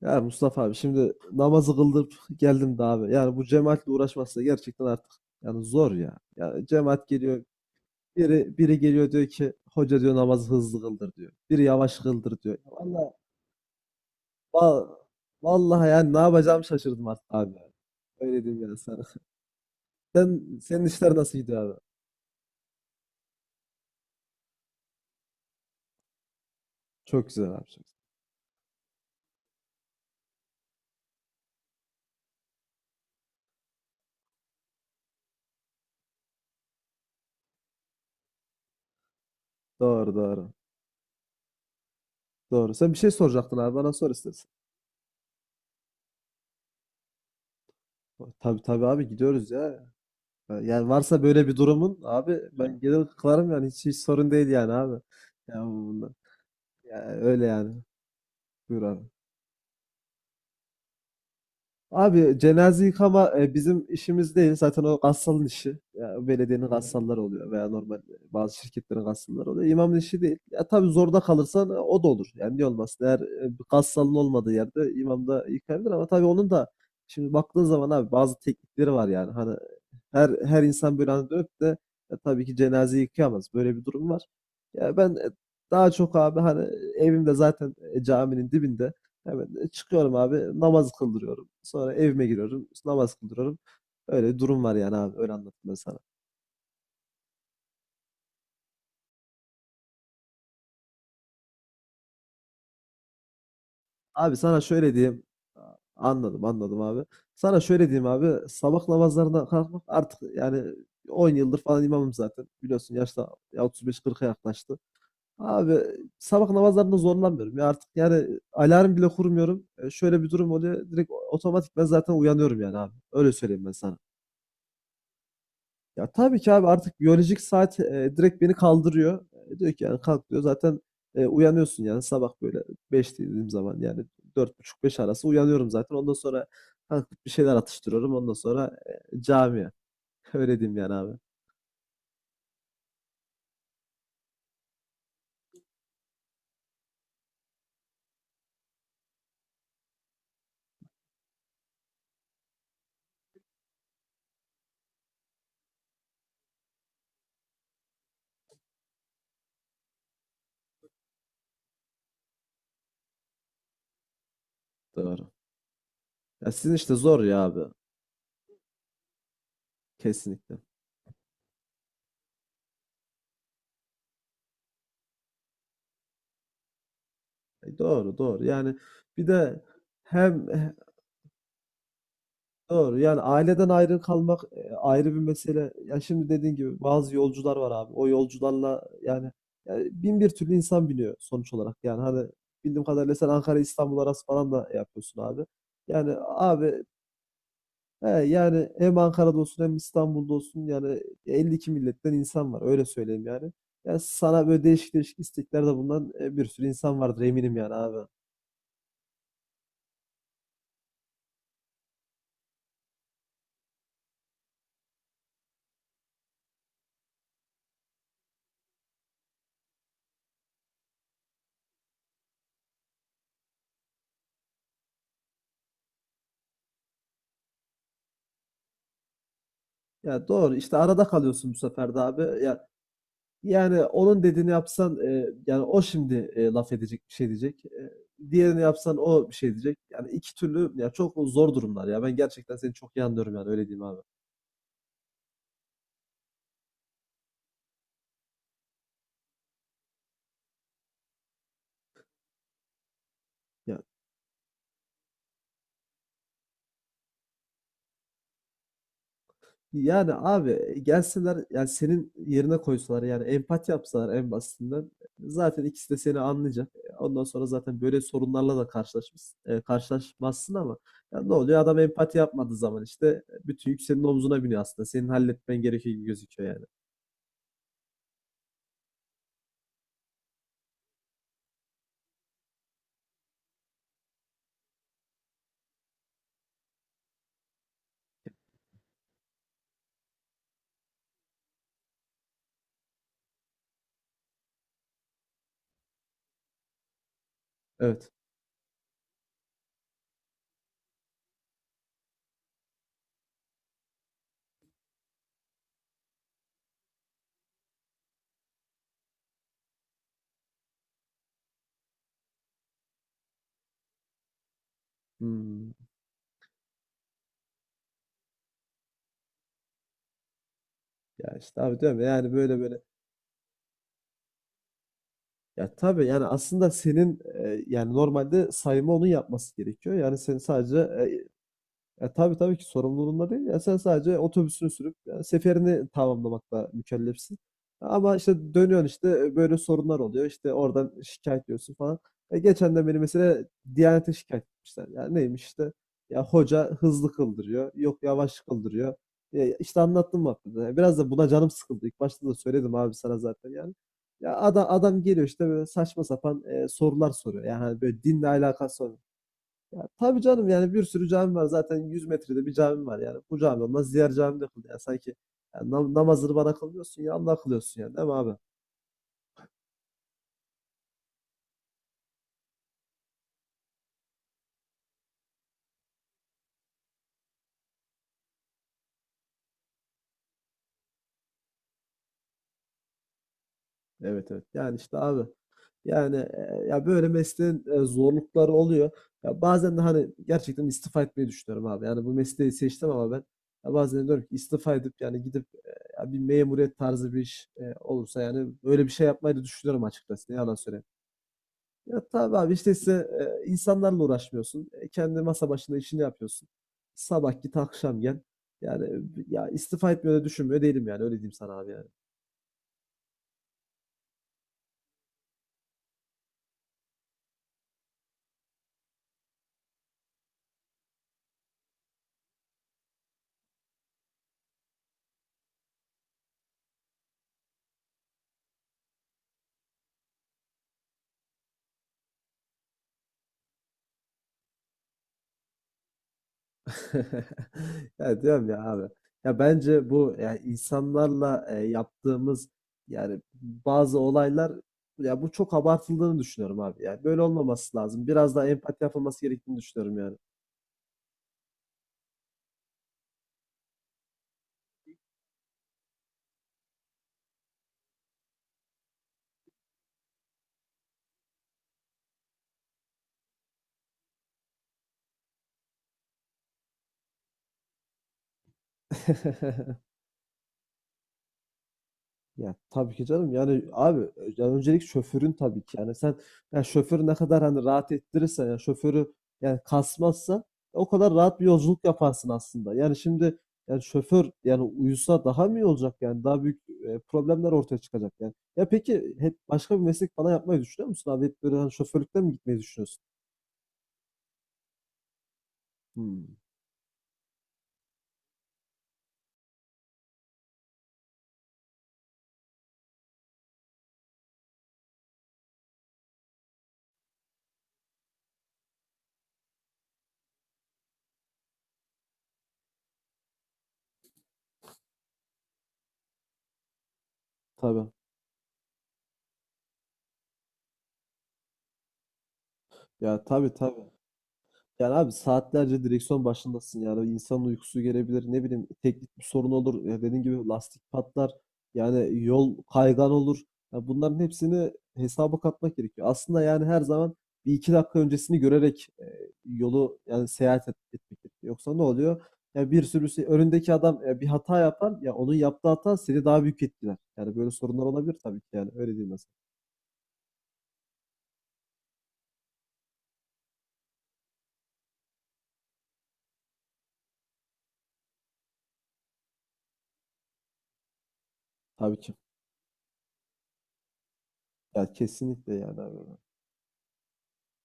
Ya Mustafa abi şimdi namazı kıldım geldim de abi. Yani bu cemaatle uğraşması da gerçekten artık yani zor ya. Yani cemaat geliyor, biri geliyor diyor ki hoca, diyor, namazı hızlı kıldır diyor. Biri yavaş kıldır diyor. Vallahi va- vallahi yani ne yapacağımı şaşırdım artık abi. Öyle diyeyim yani sana. Senin işler nasıl gidiyor abi? Çok güzel abi. Çok. Güzel. Doğru, doğru. Doğru. Sen bir şey soracaktın abi, bana sor istersen. Tabii tabii abi, gidiyoruz ya. Yani varsa böyle bir durumun abi, ben gelir kılarım yani, hiç sorun değil yani abi. Yani, öyle yani. Buyur abi. Abi cenaze yıkama bizim işimiz değil. Zaten o gassalın işi. Ya, belediyenin gassalları oluyor veya normal bazı şirketlerin gassalları oluyor. İmamın işi değil. Ya tabii zorda kalırsan o da olur. Yani niye olmasın? Eğer bir gassalın olmadığı yerde imam da yıkayabilir, ama tabii onun da, şimdi baktığın zaman abi, bazı teknikleri var yani. Hani her insan böyle hani dönüp de tabii ki cenaze yıkayamaz. Böyle bir durum var. Ya ben daha çok abi hani evimde zaten, caminin dibinde. Evet, çıkıyorum abi, namaz kıldırıyorum. Sonra evime giriyorum, işte namaz kıldırıyorum. Öyle durum var yani abi, öyle anlattım ben sana. Abi sana şöyle diyeyim, anladım anladım abi. Sana şöyle diyeyim abi, sabah namazlarına kalkmak artık yani 10 yıldır falan imamım zaten. Biliyorsun yaşta 35-40'a yaklaştı. Abi sabah namazlarında zorlanmıyorum ya artık, yani alarm bile kurmuyorum. Şöyle bir durum oluyor, direkt otomatik ben zaten uyanıyorum yani abi. Öyle söyleyeyim ben sana. Ya tabii ki abi, artık biyolojik saat, direkt beni kaldırıyor. Diyor ki yani kalk diyor. Zaten, uyanıyorsun yani sabah böyle beş dediğim zaman yani, dört buçuk 5 arası uyanıyorum zaten. Ondan sonra kalkıp bir şeyler atıştırıyorum. Ondan sonra, camiye. Öyle diyeyim yani abi. Doğru. Ya sizin işte zor ya abi. Kesinlikle. Doğru, doğru. Yani bir de hem. Doğru. Yani aileden ayrı kalmak ayrı bir mesele. Ya şimdi dediğin gibi bazı yolcular var abi. O yolcularla yani bin bir türlü insan biniyor sonuç olarak. Yani hani bildiğim kadarıyla sen Ankara İstanbul arası falan da yapıyorsun abi. Yani abi, he, yani hem Ankara'da olsun hem İstanbul'da olsun yani 52 milletten insan var. Öyle söyleyeyim yani. Ya sana böyle değişik değişik isteklerde bulunan bir sürü insan vardır eminim yani abi. Ya doğru, işte arada kalıyorsun bu sefer de abi. Ya, yani onun dediğini yapsan, yani o şimdi, laf edecek, bir şey diyecek. Diğerini yapsan o bir şey diyecek. Yani 2 türlü ya, çok zor durumlar ya. Ben gerçekten seni çok iyi anlıyorum yani, öyle diyeyim abi. Ya yani abi, gelseler yani senin yerine koysalar yani empati yapsalar, en basitinden zaten ikisi de seni anlayacak. Ondan sonra zaten böyle sorunlarla da karşılaşmış karşılaşmazsın ama ya ne oluyor? Adam empati yapmadığı zaman işte bütün yük senin omzuna biniyor aslında. Senin halletmen gerekiyor gibi gözüküyor yani. Evet. Hımm. Ya, işte abi, diyorum ya, yani böyle böyle. Ya, tabii, yani aslında senin, yani normalde sayma onun yapması gerekiyor. Yani senin sadece, ya tabii tabii ki sorumluluğunda değil. Ya sen sadece otobüsünü sürüp ya, seferini tamamlamakla mükellefsin. Ama işte dönüyorsun, işte böyle sorunlar oluyor. İşte oradan şikayet ediyorsun falan. Geçen de beni mesela Diyanet'e şikayet etmişler. Ya neymiş işte, ya hoca hızlı kıldırıyor. Yok, yavaş kıldırıyor. E, işte anlattım bak. Burada. Biraz da buna canım sıkıldı. İlk başta da söyledim abi sana zaten yani. Ya adam geliyor işte böyle saçma sapan sorular soruyor. Yani hani böyle dinle alakası olan. Ya tabii canım, yani bir sürü cami var zaten, 100 metrede bir cami var yani, bu cami olmaz diğer cami de kıl yani, sanki yani namazını bana kılmıyorsun ya, Allah kılıyorsun yani, değil mi abi? Evet evet, yani işte abi, yani ya böyle mesleğin zorlukları oluyor ya. Bazen de hani gerçekten istifa etmeyi düşünüyorum abi, yani bu mesleği seçtim ama ben, ya bazen diyorum ki istifa edip yani gidip, ya bir memuriyet tarzı bir iş olursa yani böyle bir şey yapmayı da düşünüyorum açıkçası, ne yalan söyleyeyim. Ya tabii abi, işte size, insanlarla uğraşmıyorsun. Kendi masa başında işini yapıyorsun. Sabah git, akşam gel. Yani ya istifa etmiyor da düşünmüyor değilim yani, öyle diyeyim sana abi yani. Ya diyorum ya abi. Ya bence bu yani insanlarla yaptığımız yani bazı olaylar, ya bu çok abartıldığını düşünüyorum abi. Yani böyle olmaması lazım. Biraz daha empati yapılması gerektiğini düşünüyorum yani. Ya tabii ki canım. Yani abi, ya öncelik şoförün tabii ki. Yani sen, ya şoförü ne kadar hani rahat ettirirsen ya, şoförü yani kasmazsa o kadar rahat bir yolculuk yaparsın aslında. Yani şimdi yani şoför yani, uyusa daha mı iyi olacak yani, daha büyük problemler ortaya çıkacak yani. Ya peki hep başka bir meslek bana yapmayı düşünüyor musun abi? Hep böyle hani şoförlükten mi gitmeyi düşünüyorsun? Hmm, tabii. Ya tabii tabii. Yani abi saatlerce direksiyon başındasın, yani insanın uykusu gelebilir, ne bileyim teknik bir sorun olur ya, dediğin gibi lastik patlar yani, yol kaygan olur ya, bunların hepsini hesaba katmak gerekiyor. Aslında yani her zaman bir iki dakika öncesini görerek yolu yani etmek gerekiyor. Yoksa ne oluyor? Ya bir sürü şey, önündeki adam bir hata yapar ya, onun yaptığı hata seni daha büyük etkiler. Yani böyle sorunlar olabilir tabii ki yani, öyle değil mesela. Tabii ki. Ya kesinlikle yani abi.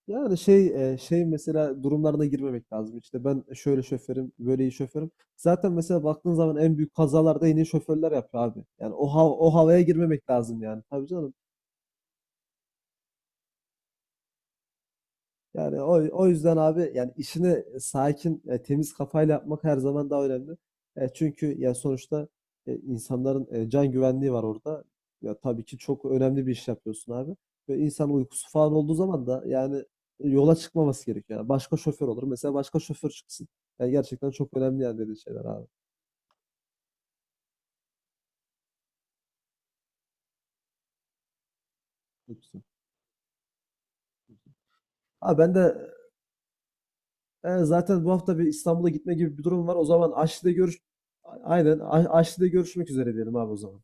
Yani şey mesela durumlarına girmemek lazım. İşte ben şöyle şoförüm, böyle iyi şoförüm. Zaten mesela baktığın zaman en büyük kazalarda yine iyi şoförler yapıyor abi. Yani o havaya girmemek lazım yani. Tabii canım. Yani o yüzden abi yani işini sakin, temiz kafayla yapmak her zaman daha önemli. Çünkü ya sonuçta insanların can güvenliği var orada. Ya tabii ki çok önemli bir iş yapıyorsun abi. Ve insan uykusu falan olduğu zaman da yani yola çıkmaması gerekiyor. Yani başka şoför olur. Mesela başka şoför çıksın. Yani gerçekten çok önemli yani dediğin şeyler abi. Çok güzel. Abi ben de zaten bu hafta bir İstanbul'a gitme gibi bir durum var. O zaman Aşli'de görüş, aynen, Aşli'de görüşmek üzere diyelim abi o zaman.